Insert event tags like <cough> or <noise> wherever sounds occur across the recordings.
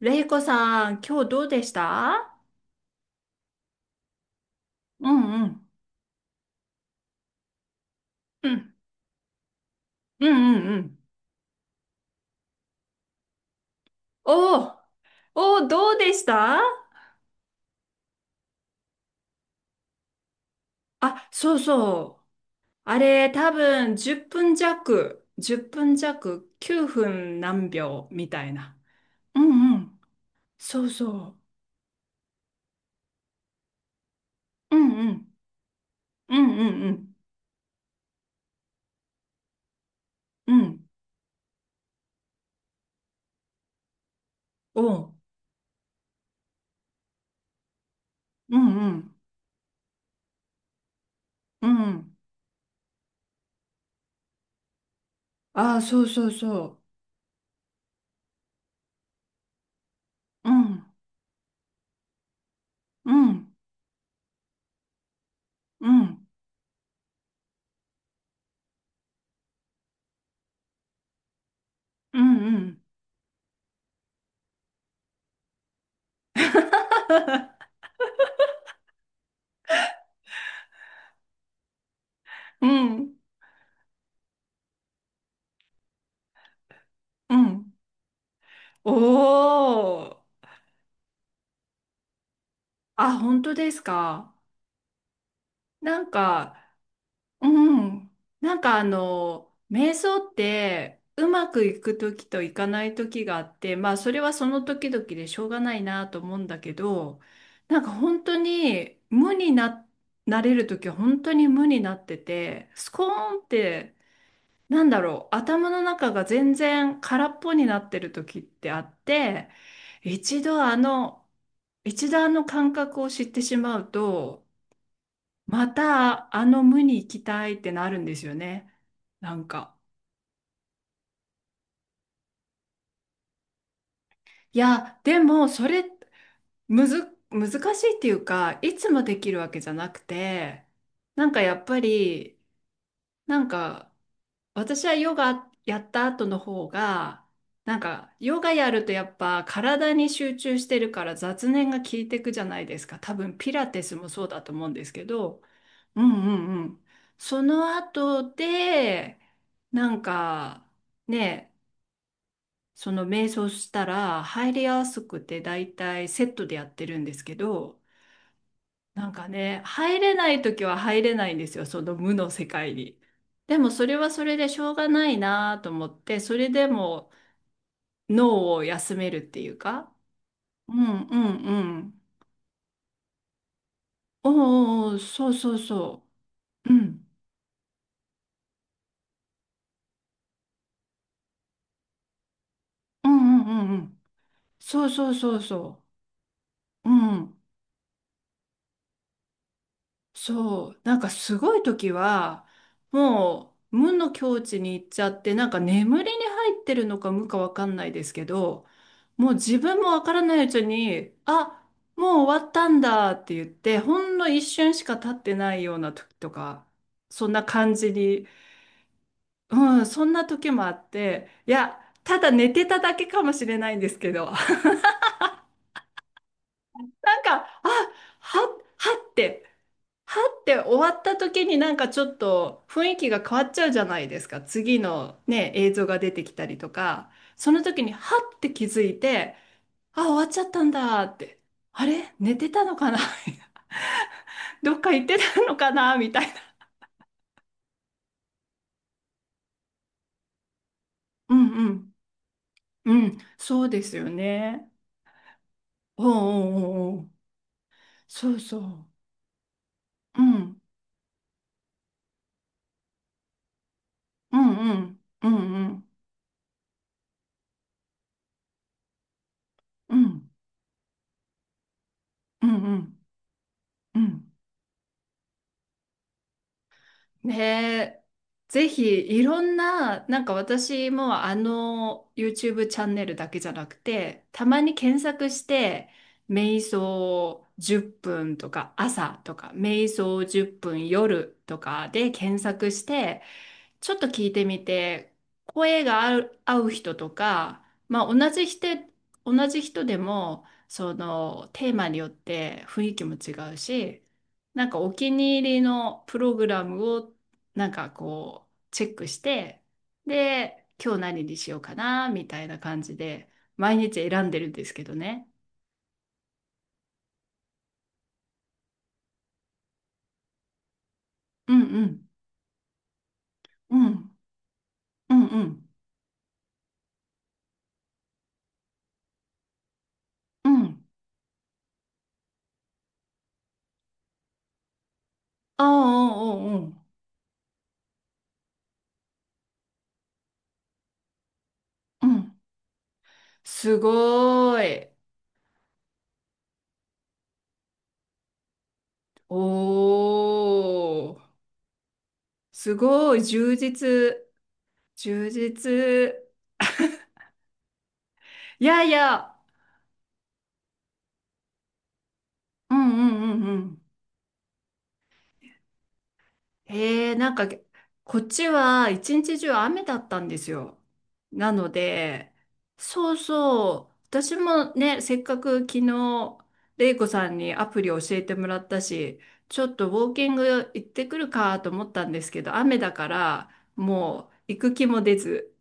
れいこさん、今日どうでした？うんうん。うん。うんうんうん。おー。おー、どうでした？あ、そうそう。あれ、多分10分弱、10分弱、9分何秒みたいな。うんうん。そうそう。うんうんうんうんうん。うん。おう。うんうんうんうん。あ、そうそうそう。うんうんうんうんうんう。うん。うん。おお。あ、本当ですか？なんか、うん。なんかあの、瞑想って、うまくいく時といかない時があって、まあそれはその時々でしょうがないなと思うんだけど、なんか本当に無にな、なれる時は本当に無になってて、スコーンって、なんだろう、頭の中が全然空っぽになってる時ってあって、一度あの、一度あの感覚を知ってしまうと、またあの無に行きたいってなるんですよね。なんか。いや、でもそれむず、難しいっていうか、いつもできるわけじゃなくて、なんかやっぱり、なんか私はヨガやった後の方が、なんかヨガやるとやっぱ体に集中してるから雑念が効いてくじゃないですか。多分ピラティスもそうだと思うんですけど、うんうんうん。その後で、なんかね、その瞑想したら入りやすくて大体セットでやってるんですけど、なんかね、入れない時は入れないんですよ、その無の世界に。でもそれはそれでしょうがないなと思って、それでも脳を休めるっていうか。うんうんうん。おうおうおう、そうそうそう。うん。うんうんうんうん。そうそうそうそう。うん。そう、なんかすごい時は、もう無の境地に行っちゃって、なんか眠りに入ってるのか無かわかんないですけど、もう自分もわからないうちに、あ、もう終わったんだって言って、ほんの一瞬しか経ってないような時とか、そんな感じに、うん、そんな時もあって、いや、ただ寝てただけかもしれないんですけど、<laughs> なんか、あ、は、はって。はって終わった時になんかちょっと雰囲気が変わっちゃうじゃないですか。次のね、映像が出てきたりとか、その時にはって気づいて、あ、終わっちゃったんだって、あれ寝てたのかな <laughs> どっか行ってたのかなみたいな。うんうん。うん、そうですよね。おうおうおうおう。そうそう。うん。うんうん。うんうん。うんうんうん。うん。ねえ、ぜひいろんな、なんか私もあの YouTube チャンネルだけじゃなくて、たまに検索して、瞑想10分とか朝とか、瞑想10分夜とかで検索して、ちょっと聞いてみて、声が合う、合う人とか、まあ同じ人、同じ人でも、そのテーマによって雰囲気も違うし、なんかお気に入りのプログラムをなんかこうチェックして、で、今日何にしようかな、みたいな感じで、毎日選んでるんですけどね。うんうん、うん、うんうん、うん。ああ、うんうん、うん。うん。すごーい。おー、すごい、充実、充実。いやいや、うんうんうんうん。なんか、こっちは一日中雨だったんですよ。なので、そうそう、私もね、せっかく昨日、レイコさんにアプリ教えてもらったし、ちょっとウォーキング行ってくるかと思ったんですけど、雨だから、もう行く気も出ず、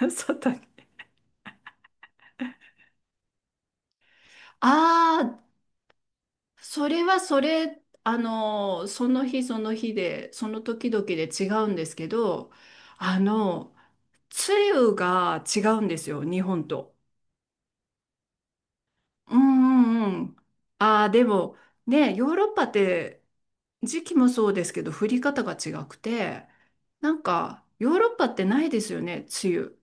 <laughs> 外に。ああ、それはそれ、あの、その日その日で、その時々で違うんですけど、あの、梅雨が違うんですよ、日本と。うんうんうん。ああ、でも、ね、ヨーロッパって時期もそうですけど、降り方が違くて、なんか、ヨーロッパってないですよね、梅雨。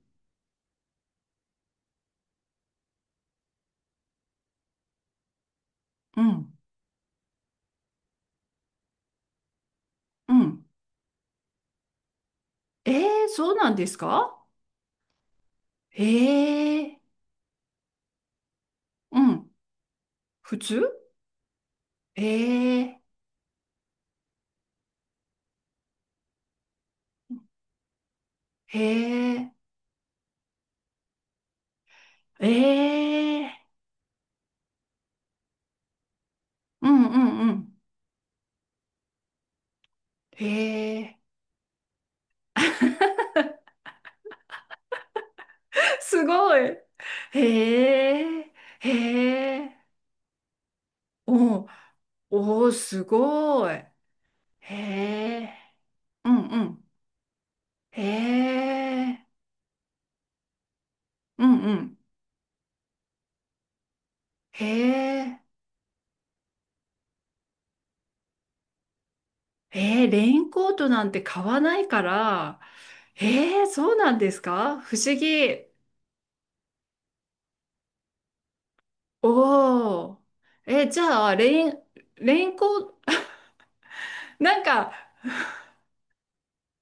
うん、うん。ええ、そうなんですか？ええ、うん。普通。ええ、ええ、ええ。うんうんうん。へえ、すごい。へえ、へえ、おうおう、すごい。へえ、うんうん。へえ、うんうん。へえ、へ。レインコートなんて買わないから、へー、そうなんですか？不思議。おお、えー、じゃあ、レインコート、なんか、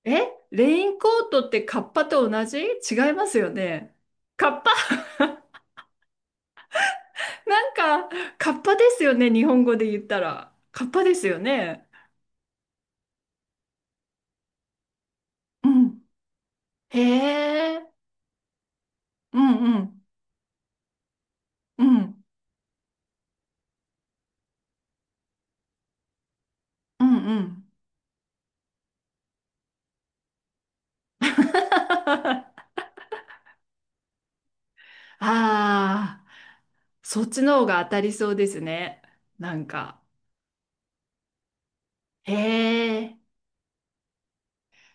え、レインコートってカッパと同じ違いますよね？カッパ、<laughs> なんか、カッパですよね。日本語で言ったら。カッパですよね。うん。へえ。うんうん。うん。うんうん。<laughs> ああ、そっちの方が当たりそうですね。なんか。へえ。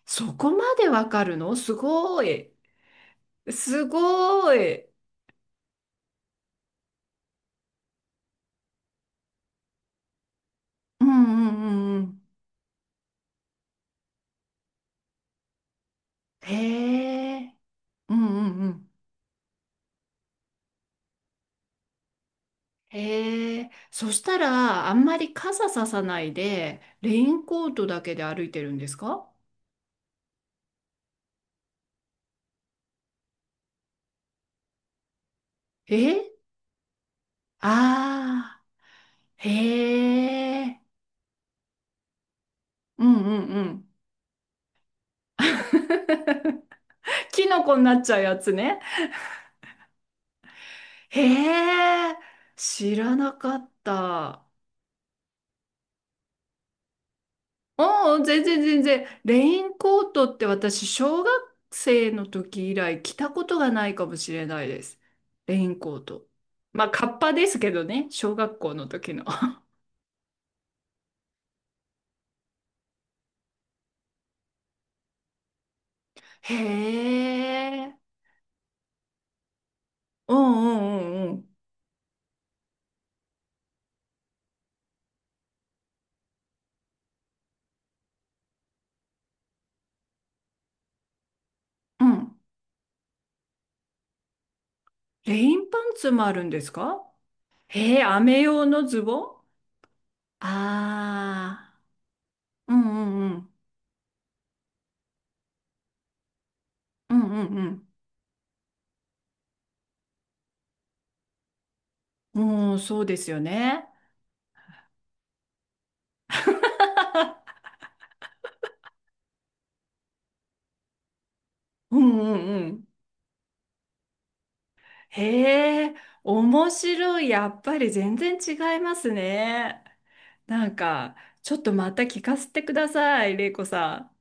そこまでわかるのすごい。すごい。うんうんうんうん。へえ。うんうんうん。へえ、そしたら、あんまり傘ささないで、レインコートだけで歩いてるんですか？え、ああー、へえ、うんうんうん。キノコになっちゃうやつね。へえ、知らなかった。うん、全然全然。レインコートって私、小学生の時以来着たことがないかもしれないです。レインコート。まあ、カッパですけどね、小学校の時の。へえ。うんうんうんうん。うん。レインパンツもあるんですか？へえ、雨用のズボン。ああー。うんうんうん。うんうんうん。うん、そうですよね。うんうんうん。へえ、面白い。やっぱり全然違いますね。なんか、ちょっとまた聞かせてください、れいこさん。